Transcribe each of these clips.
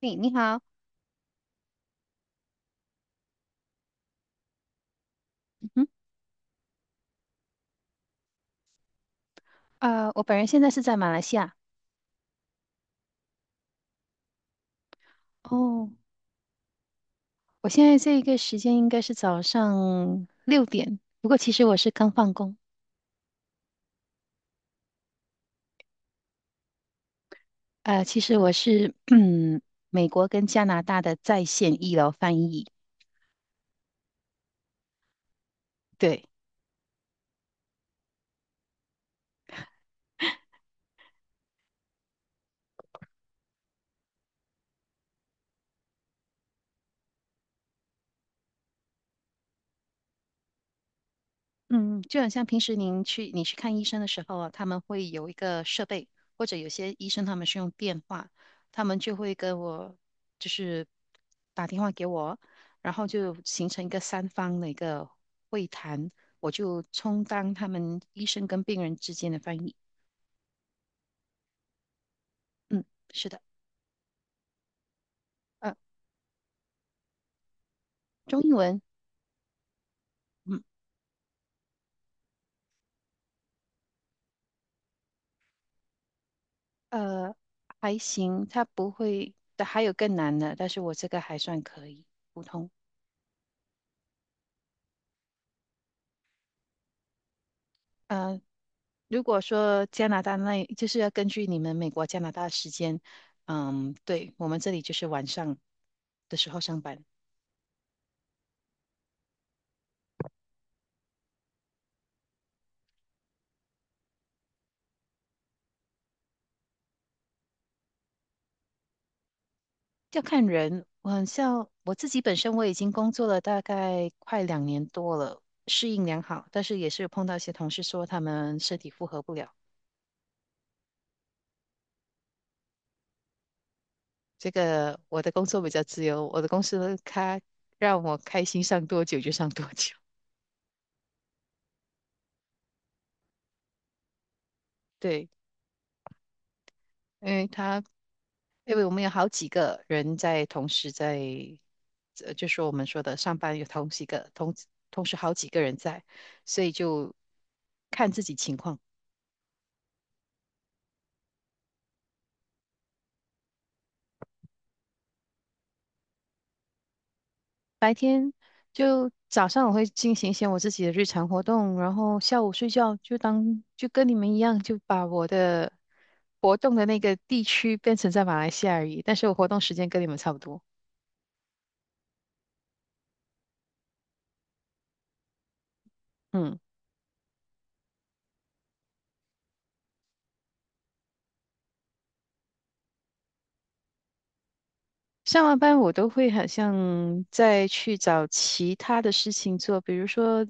嘿，你好，嗯，我本人现在是在马来西亚。哦，我现在这一个时间应该是早上6点，不过其实我是刚放工。其实我是 美国跟加拿大的在线医疗翻译。对。嗯，就很像平时你去看医生的时候啊，他们会有一个设备。或者有些医生他们是用电话，他们就会跟我，就是打电话给我，然后就形成一个三方的一个会谈，我就充当他们医生跟病人之间的翻译。嗯。是的。呃，中英文。嗯。呃，还行，他不会，还有更难的，但是我这个还算可以，普通。呃如果说加拿大那，就是要根据你们美国、加拿大的时间。嗯。对，我们这里就是晚上的时候上班。要看人。我很像我自己本身，我已经工作了大概快2年多了，适应良好，但是也是碰到一些同事说他们身体负荷不了。这个我的工作比较自由，我的公司它让我开心上多久就上多久。对。因为他因为我们有好几个人在同时在。就说我们说的上班有同时好几个人在，所以就看自己情况。白天就早上我会进行一些我自己的日常活动，然后下午睡觉就当就跟你们一样，就把我的活动的那个地区变成在马来西亚而已，但是我活动时间跟你们差不多。嗯。上完班我都会好像再去找其他的事情做。比如说，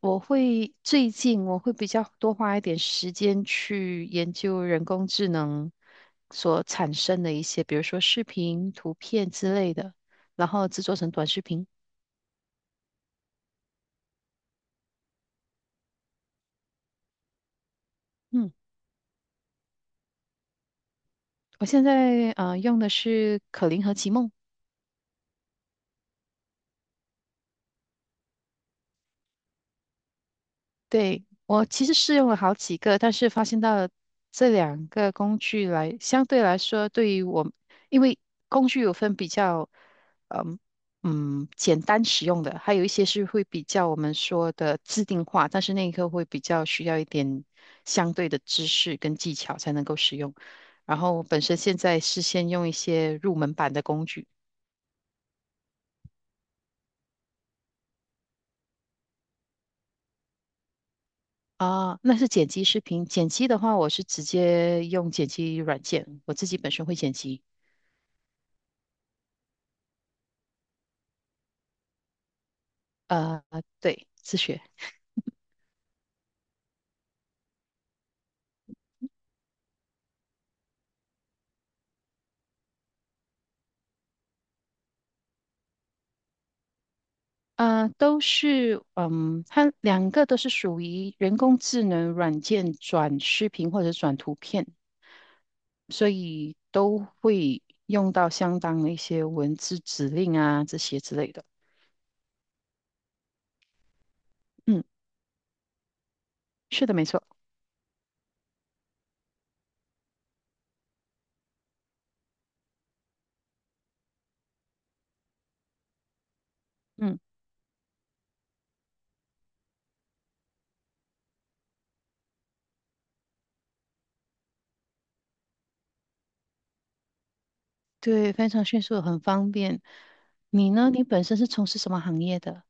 最近我会比较多花一点时间去研究人工智能所产生的一些，比如说视频、图片之类的，然后制作成短视频。嗯。我现在用的是可伶和奇梦。对，我其实试用了好几个，但是发现到这两个工具来，相对来说，对于我，因为工具有分比较，嗯简单使用的，还有一些是会比较我们说的自定化，但是那一刻会比较需要一点相对的知识跟技巧才能够使用。然后本身现在是先用一些入门版的工具。啊，那是剪辑视频。剪辑的话，我是直接用剪辑软件，我自己本身会剪辑。呃，对。自学。都是。嗯，它两个都是属于人工智能软件转视频或者转图片，所以都会用到相当的一些文字指令啊这些之类的。嗯。是的，没错。嗯。对，非常迅速，很方便。你呢？你本身是从事什么行业的？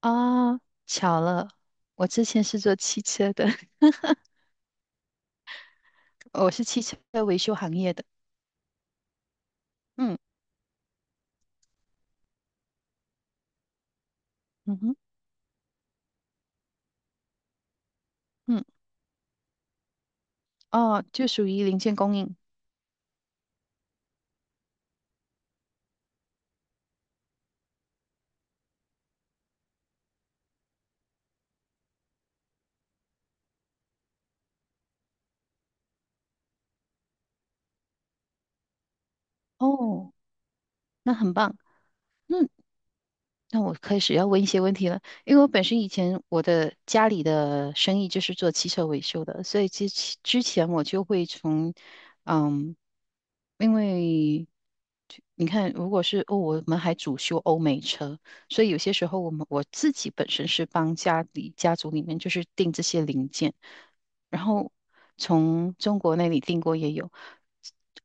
啊，巧了，我之前是做汽车的。我是汽车维修行业的。嗯。嗯哼。嗯。哦，就属于零件供应。哦，那很棒。那那我开始要问一些问题了。因为我本身以前我的家里的生意就是做汽车维修的，所以之前我就会从，嗯，因为就你看，如果是哦，我们还主修欧美车，所以有些时候我自己本身是帮家里家族里面就是订这些零件。然后从中国那里订过也有，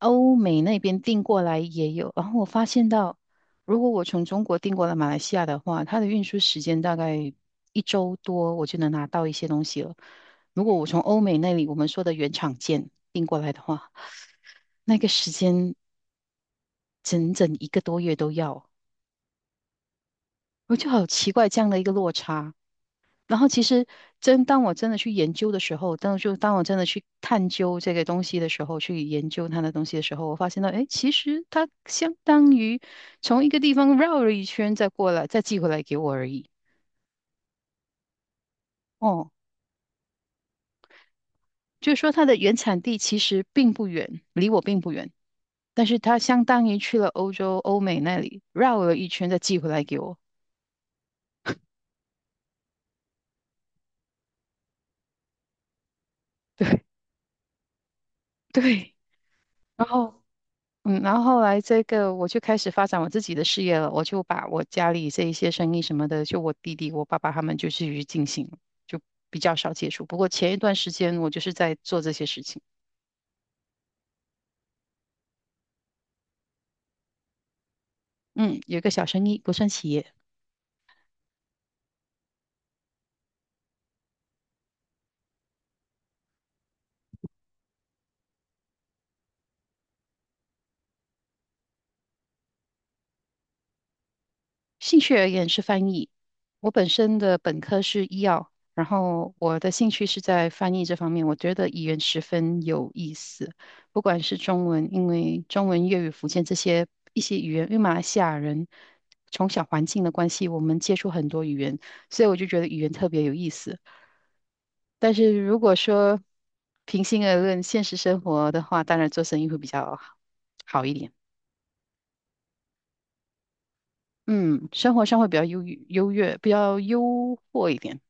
欧美那边订过来也有。然后我发现到，如果我从中国订过来马来西亚的话，它的运输时间大概一周多，我就能拿到一些东西了。如果我从欧美那里我们说的原厂件订过来的话，那个时间整整一个多月都要，我就好奇怪这样的一个落差。然后其实真当我真的去研究的时候，当我真的去探究这个东西的时候，去研究它的东西的时候，我发现到，哎，其实它相当于从一个地方绕了一圈再过来，再寄回来给我而已。哦，就是说它的原产地其实并不远，离我并不远，但是它相当于去了欧洲、欧美那里绕了一圈再寄回来给我。对，对。然后然后后来这个我就开始发展我自己的事业了，我就把我家里这一些生意什么的，就我弟弟、我爸爸他们就继续进行了，就比较少接触。不过前一段时间我就是在做这些事情。嗯，有一个小生意，不算企业。兴趣而言是翻译。我本身的本科是医药，然后我的兴趣是在翻译这方面。我觉得语言十分有意思，不管是中文，因为中文、粤语、福建这些语言，因为马来西亚人从小环境的关系，我们接触很多语言，所以我就觉得语言特别有意思。但是如果说平心而论，现实生活的话，当然做生意会比较好一点。嗯，生活上会比较优渥一点。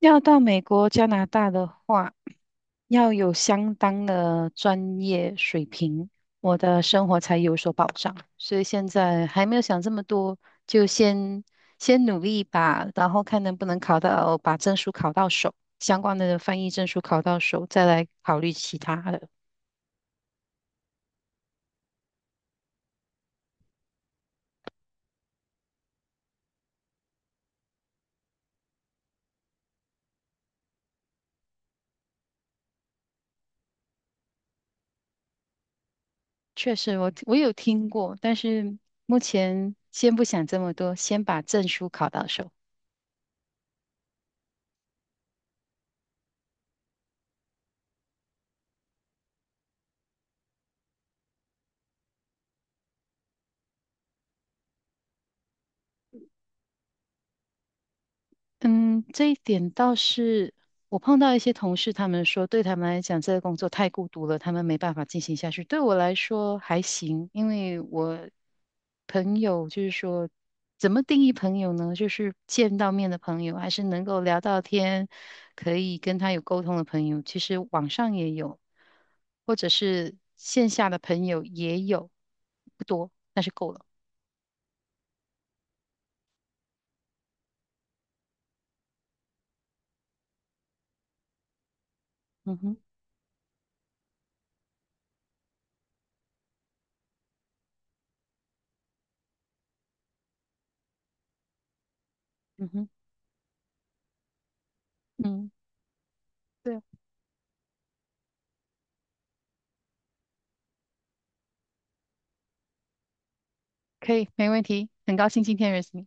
要到美国、加拿大的话，要有相当的专业水平，我的生活才有所保障。所以现在还没有想这么多，就先努力吧，然后看能不能考到，把证书考到手，相关的翻译证书考到手，再来考虑其他的。确实我有听过，但是目前先不想这么多，先把证书考到手。嗯，这一点倒是我碰到一些同事，他们说对他们来讲，这个工作太孤独了，他们没办法进行下去。对我来说还行，因为我朋友就是说，怎么定义朋友呢？就是见到面的朋友，还是能够聊到天，可以跟他有沟通的朋友。其实网上也有，或者是线下的朋友也有，不多，但是够了。嗯哼。嗯哼。嗯。对啊。可以，没问题。很高兴今天认识你。